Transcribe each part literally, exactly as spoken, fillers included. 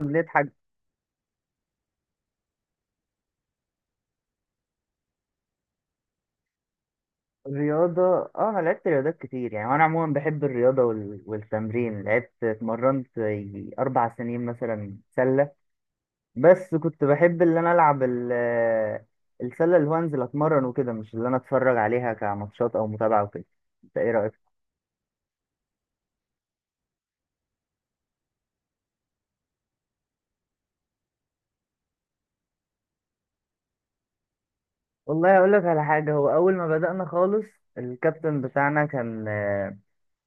هنضحك. رياضة. اه انا لعبت رياضات كتير يعني وانا عموما بحب الرياضة وال... والتمرين. لعبت اتمرنت يجي اربع سنين مثلا سلة. بس كنت بحب اللي انا العب ال... السلة اللي هو انزل اتمرن وكده، مش اللي انا اتفرج عليها كماتشات او متابعة وكده. انت ايه رأيك؟ والله اقول لك على حاجة. هو اول ما بدأنا خالص الكابتن بتاعنا كان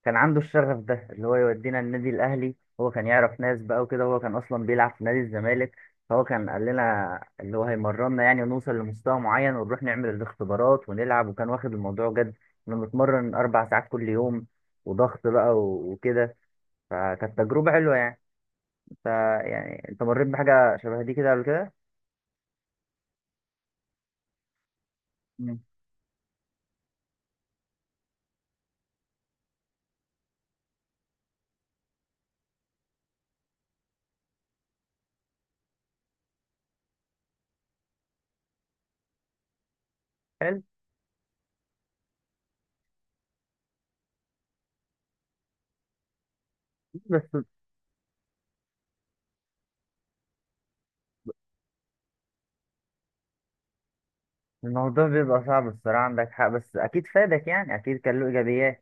كان عنده الشغف ده اللي هو يودينا النادي الاهلي. هو كان يعرف ناس بقى وكده، هو كان اصلا بيلعب في نادي الزمالك. فهو كان قال لنا اللي هو هيمرنا يعني ونوصل لمستوى معين ونروح نعمل الاختبارات ونلعب، وكان واخد الموضوع جد. كنا بنتمرن اربع ساعات كل يوم وضغط بقى و- وكده. فكانت تجربة حلوة يعني. انت يعني انت مريت بحاجة شبه دي كده قبل كده؟ مم. حلو. الموضوع بيبقى صعب الصراحة، عندك حق، بس أكيد فادك يعني، أكيد كان له إيجابيات.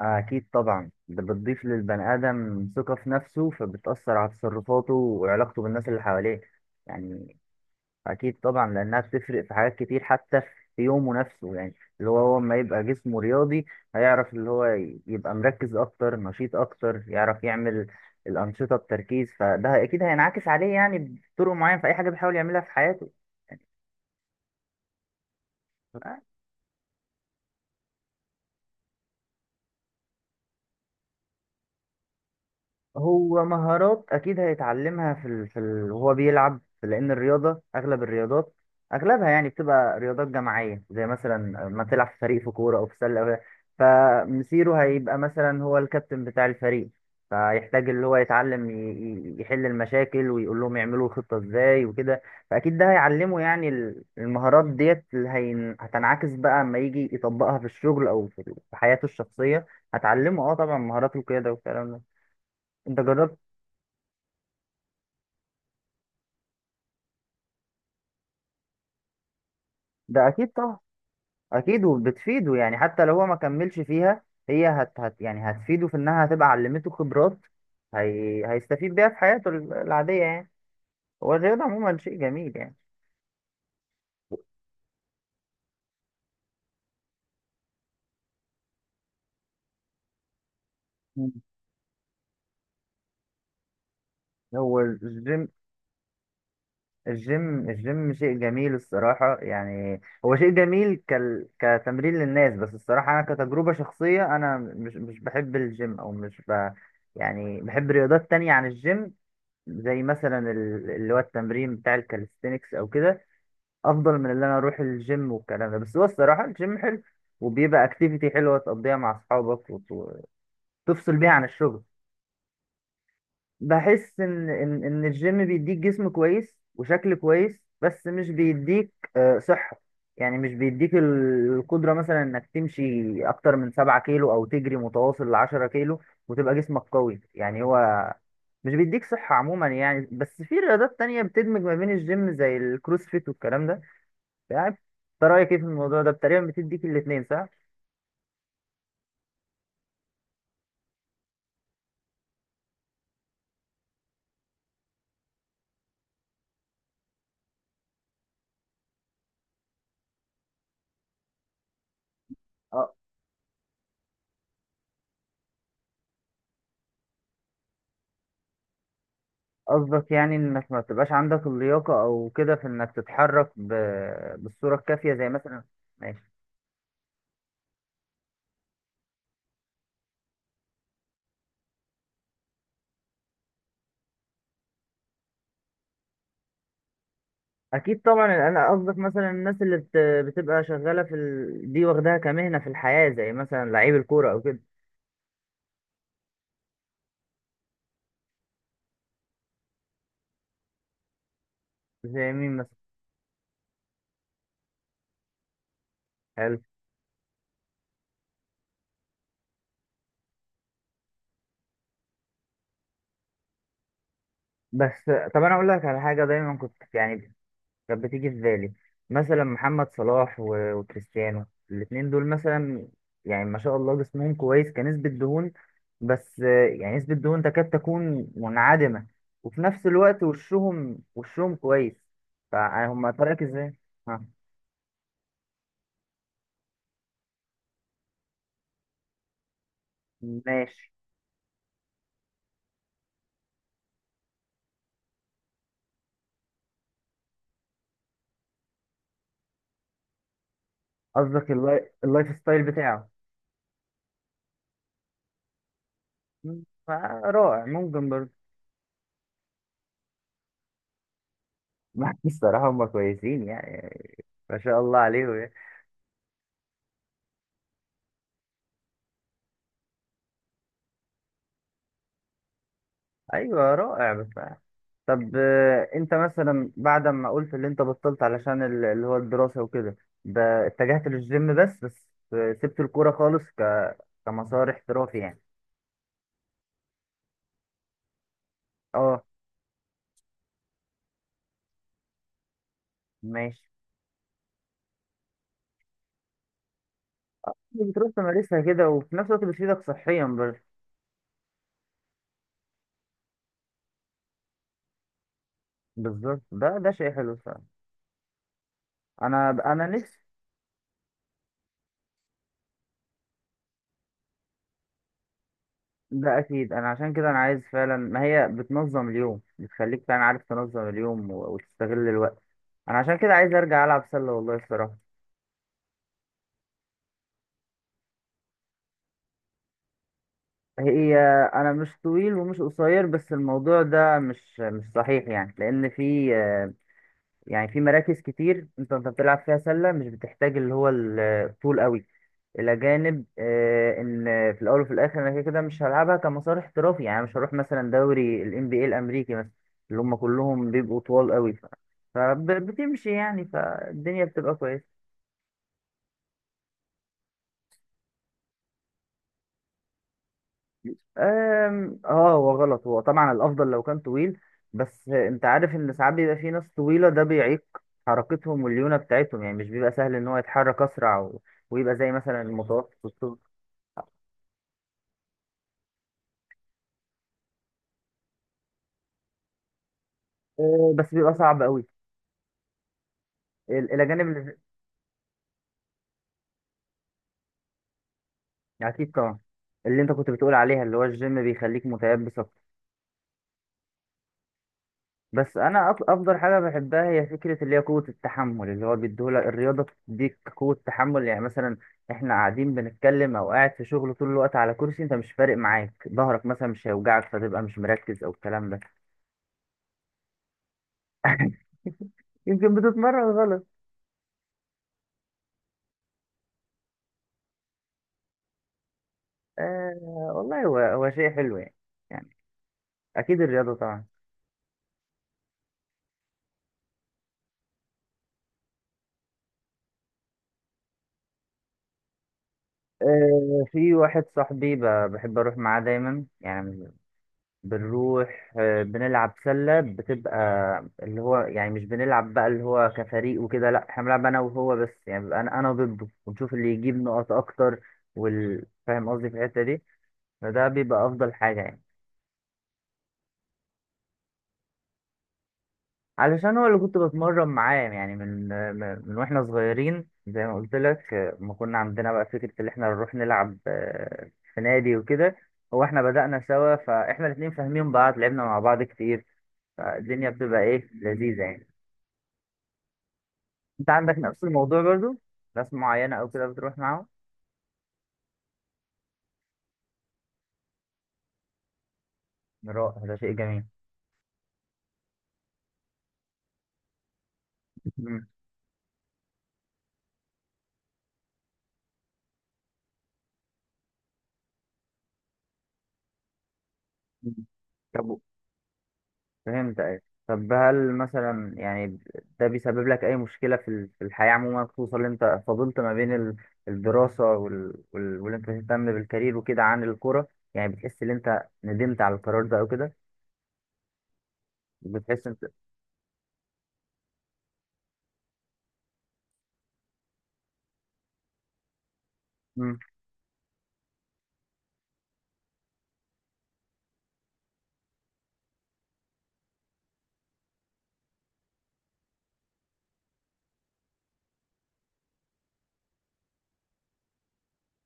أكيد طبعا، ده بتضيف للبني آدم ثقة في نفسه فبتأثر على تصرفاته وعلاقته بالناس اللي حواليه يعني. أكيد طبعا لأنها بتفرق في حاجات كتير، حتى في يومه نفسه يعني. اللي هو هو لما يبقى جسمه رياضي هيعرف اللي هو ي- يبقى مركز أكتر، نشيط أكتر، يعرف يعمل الأنشطة بتركيز، فده أكيد هينعكس عليه يعني بطرق معينة في أي حاجة بيحاول يعملها في حياته. هو مهارات اكيد هيتعلمها في ال... في ال... وهو بيلعب، لان الرياضه اغلب الرياضات اغلبها يعني بتبقى رياضات جماعيه، زي مثلا ما تلعب في فريق في كوره او في سله أو... فمسيره هيبقى مثلا هو الكابتن بتاع الفريق، فيحتاج اللي هو يتعلم ي... ي- يحل المشاكل ويقول لهم يعملوا الخطه ازاي وكده. فاكيد ده هيعلمه يعني ال- المهارات ديت اللي هين... هتنعكس بقى اما يجي يطبقها في الشغل او في في حياته الشخصيه. هتعلمه اه طبعا مهارات القياده والكلام ده. انت جربت؟ ده اكيد طبعا. اكيد وبتفيده يعني، حتى لو هو ما كملش فيها هي هت, هت يعني هتفيده في انها هتبقى علمته خبرات. هي... هيستفيد بيها في حياته ال- العادية يعني. هو الرياضة عموما شيء جميل يعني. مم. هو الجيم. الجيم الجيم شيء جميل الصراحة يعني، هو شيء جميل كال... كتمرين للناس، بس الصراحة أنا كتجربة شخصية أنا مش مش بحب الجيم، أو مش ب... يعني بحب رياضات تانية عن الجيم، زي مثلا ال- اللي هو التمرين بتاع الكاليستينكس أو كده، افضل من اللي انا اروح الجيم والكلام ده. بس هو الصراحه الجيم حلو وبيبقى اكتيفيتي حلوه تقضيها مع اصحابك وت- وتفصل بيها عن الشغل. بحس ان ان ان الجيم بيديك جسم كويس وشكل كويس بس مش بيديك آه، صحه. يعني مش بيديك ال- القدره مثلا انك تمشي اكتر من سبعة كيلو او تجري متواصل لعشرة كيلو، وتبقى جسمك قوي يعني. هو مش بيديك صحه عموما يعني، بس في رياضات تانية بتدمج ما بين الجيم زي الكروسفيت والكلام ده. يعني انت رايك ايه في الموضوع ده، تقريبا بتديك الاثنين صح. أ- قصدك يعني انك ما بتبقاش عندك اللياقه او كده في انك تتحرك ب... بالصوره الكافيه زي مثلا. ماشي. اكيد طبعا. انا قصدك مثلا الناس اللي بت... بتبقى شغاله في ال... دي واخداها كمهنه في الحياه زي مثلا لعيب الكوره او كده. زي مين مثلا؟ حلو. بس. طب انا اقول لك على حاجه دايما كنت يعني كانت بتيجي في بالي، مثلا محمد صلاح و- وكريستيانو. الاتنين دول مثلا يعني ما شاء الله جسمهم كويس كنسبة دهون، بس آه، يعني نسبة دهون تكاد تكون منعدمة، وفي نفس الوقت وشهم وشهم كويس. فهم فرقك ازاي؟ ها. ماشي. قصدك اللاي- اللايف ستايل بتاعه. مم، فرائع ممكن برضه. الصراحة هم كويسين يعني، ما شاء الله عليهم يعني. ايوه رائع بصراحه. طب آه، انت مثلا بعد ما قلت اللي انت بطلت علشان ال- اللي هو الدراسه وكده، ب- اتجهت للجيم، بس بس آه، سبت الكوره خالص ك... كمسار احترافي يعني. اه. ماشي. بتروح تمارسها كده وفي نفس الوقت بتفيدك صحيا بر- بالظبط، ده ده شيء حلو فعلا. انا انا نفسي. ده اكيد، انا عشان كده انا عايز فعلا، ما هي بتنظم اليوم بتخليك فعلا عارف تنظم اليوم و- وتستغل الوقت. انا عشان كده عايز ارجع العب سله والله الصراحه. هي. انا مش طويل ومش قصير، بس الموضوع ده مش مش صحيح يعني، لان في آه، يعني في مراكز كتير انت انت بتلعب فيها سله مش بتحتاج اللي هو الطول قوي. الى جانب آه، ان في الاول وفي الاخر انا كده كده مش هلعبها كمسار احترافي يعني، مش هروح مثلا دوري ال إن بي إيه الامريكي مثلا اللي هم كلهم بيبقوا طوال قوي ف- فبتمشي يعني، فالدنيا بتبقى كويسه. أم، اه هو غلط، هو طبعا الافضل لو كان طويل، بس انت عارف ان ساعات بيبقى في ناس طويله ده بيعيق حركتهم والليونه بتاعتهم يعني، مش بيبقى سهل ان هو يتحرك اسرع و... ويبقى زي مثلا المتوسط والطول. أه، بس بيبقى صعب قوي. ال- الى جانب اللي-. اكيد طبعا. اللي انت كنت بتقول عليها اللي هو الجيم بيخليك متيبس. بس انا أف- افضل حاجه بحبها هي فكره اللي هي قوه التحمل، اللي هو بيديهولك الرياضه بتديك قوه تحمل. يعني مثلا احنا قاعدين بنتكلم او قاعد في شغل طول الوقت على كرسي، انت مش فارق معاك ظهرك مثلا مش هيوجعك، فتبقى مش مركز او الكلام ده. يمكن بتتمرن غلط. آه. والله هو هو شيء حلو يعني. يعني اكيد الرياضه طبعا. آه في واحد صاحبي ب- بحب اروح معاه دايما يعني. بنروح آه، بنلعب سلة، بتبقى اللي هو يعني مش بنلعب بقى اللي هو كفريق وكده، لا احنا بنلعب انا وهو بس يعني، بيبقى انا انا ضده ونشوف اللي يجيب نقط اكتر. وال... فاهم قصدي في الحتة دي. فده بيبقى افضل حاجة يعني. علشان هو اللي كنت بتمرن معاه يعني من آه، من واحنا صغيرين، زي ما قلت لك آه، ما كنا عندنا بقى فكرة اللي احنا نروح نلعب آه، في نادي وكده. هو احنا بدأنا سوا، فاحنا الاتنين فاهمين بعض، لعبنا مع بعض كتير، فالدنيا بتبقى ايه لذيذة يعني. انت عندك نفس الموضوع برضو، ناس معينة او كده بتروح معاهم؟ رائع ده شيء جميل. مم. مم. طب و- فهمت ايه. طب هل مثلا يعني ده بيسبب لك اي مشكلة في ال- في الحياة عموما، خصوصا ان انت فضلت ما بين ال- الدراسة وال... وال... واللي انت تهتم بالكارير وكده عن الكرة، يعني بتحس ان انت ندمت على القرار ده او كده؟ بتحس انت. مم.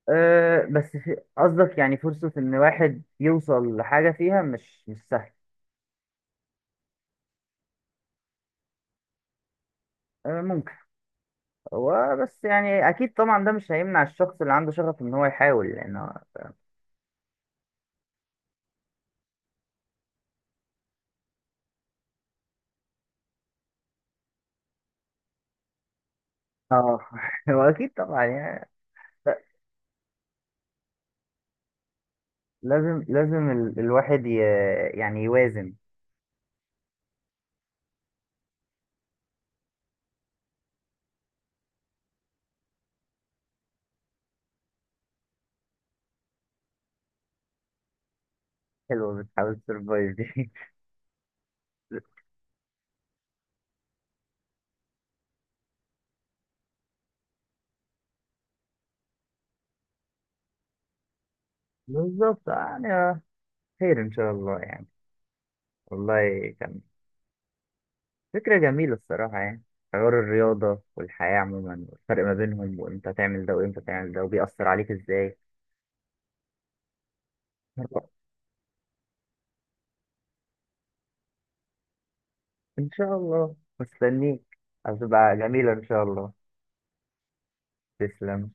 أه بس في- قصدك يعني فرصة ان واحد يوصل لحاجة فيها مش مش سهل. أه ممكن. هو بس يعني اكيد طبعا ده مش هيمنع الشخص اللي عنده شغف ان هو يحاول لان هو. اه. هو اكيد طبعا يعني. ل- لازم لازم ال... الواحد ي... يعني يوازن. حلو بتحاول تسرفايف دي. بالظبط. آه، يعني آه، خير ان شاء الله يعني. والله كان فكرة جميلة الصراحة يعني، حوار الرياضة والحياة عموما والفرق ما بينهم وامتى تعمل ده وامتى تعمل ده وبيأثر عليك ازاي. ان شاء الله مستنيك، هتبقى جميلة ان شاء الله. تسلم.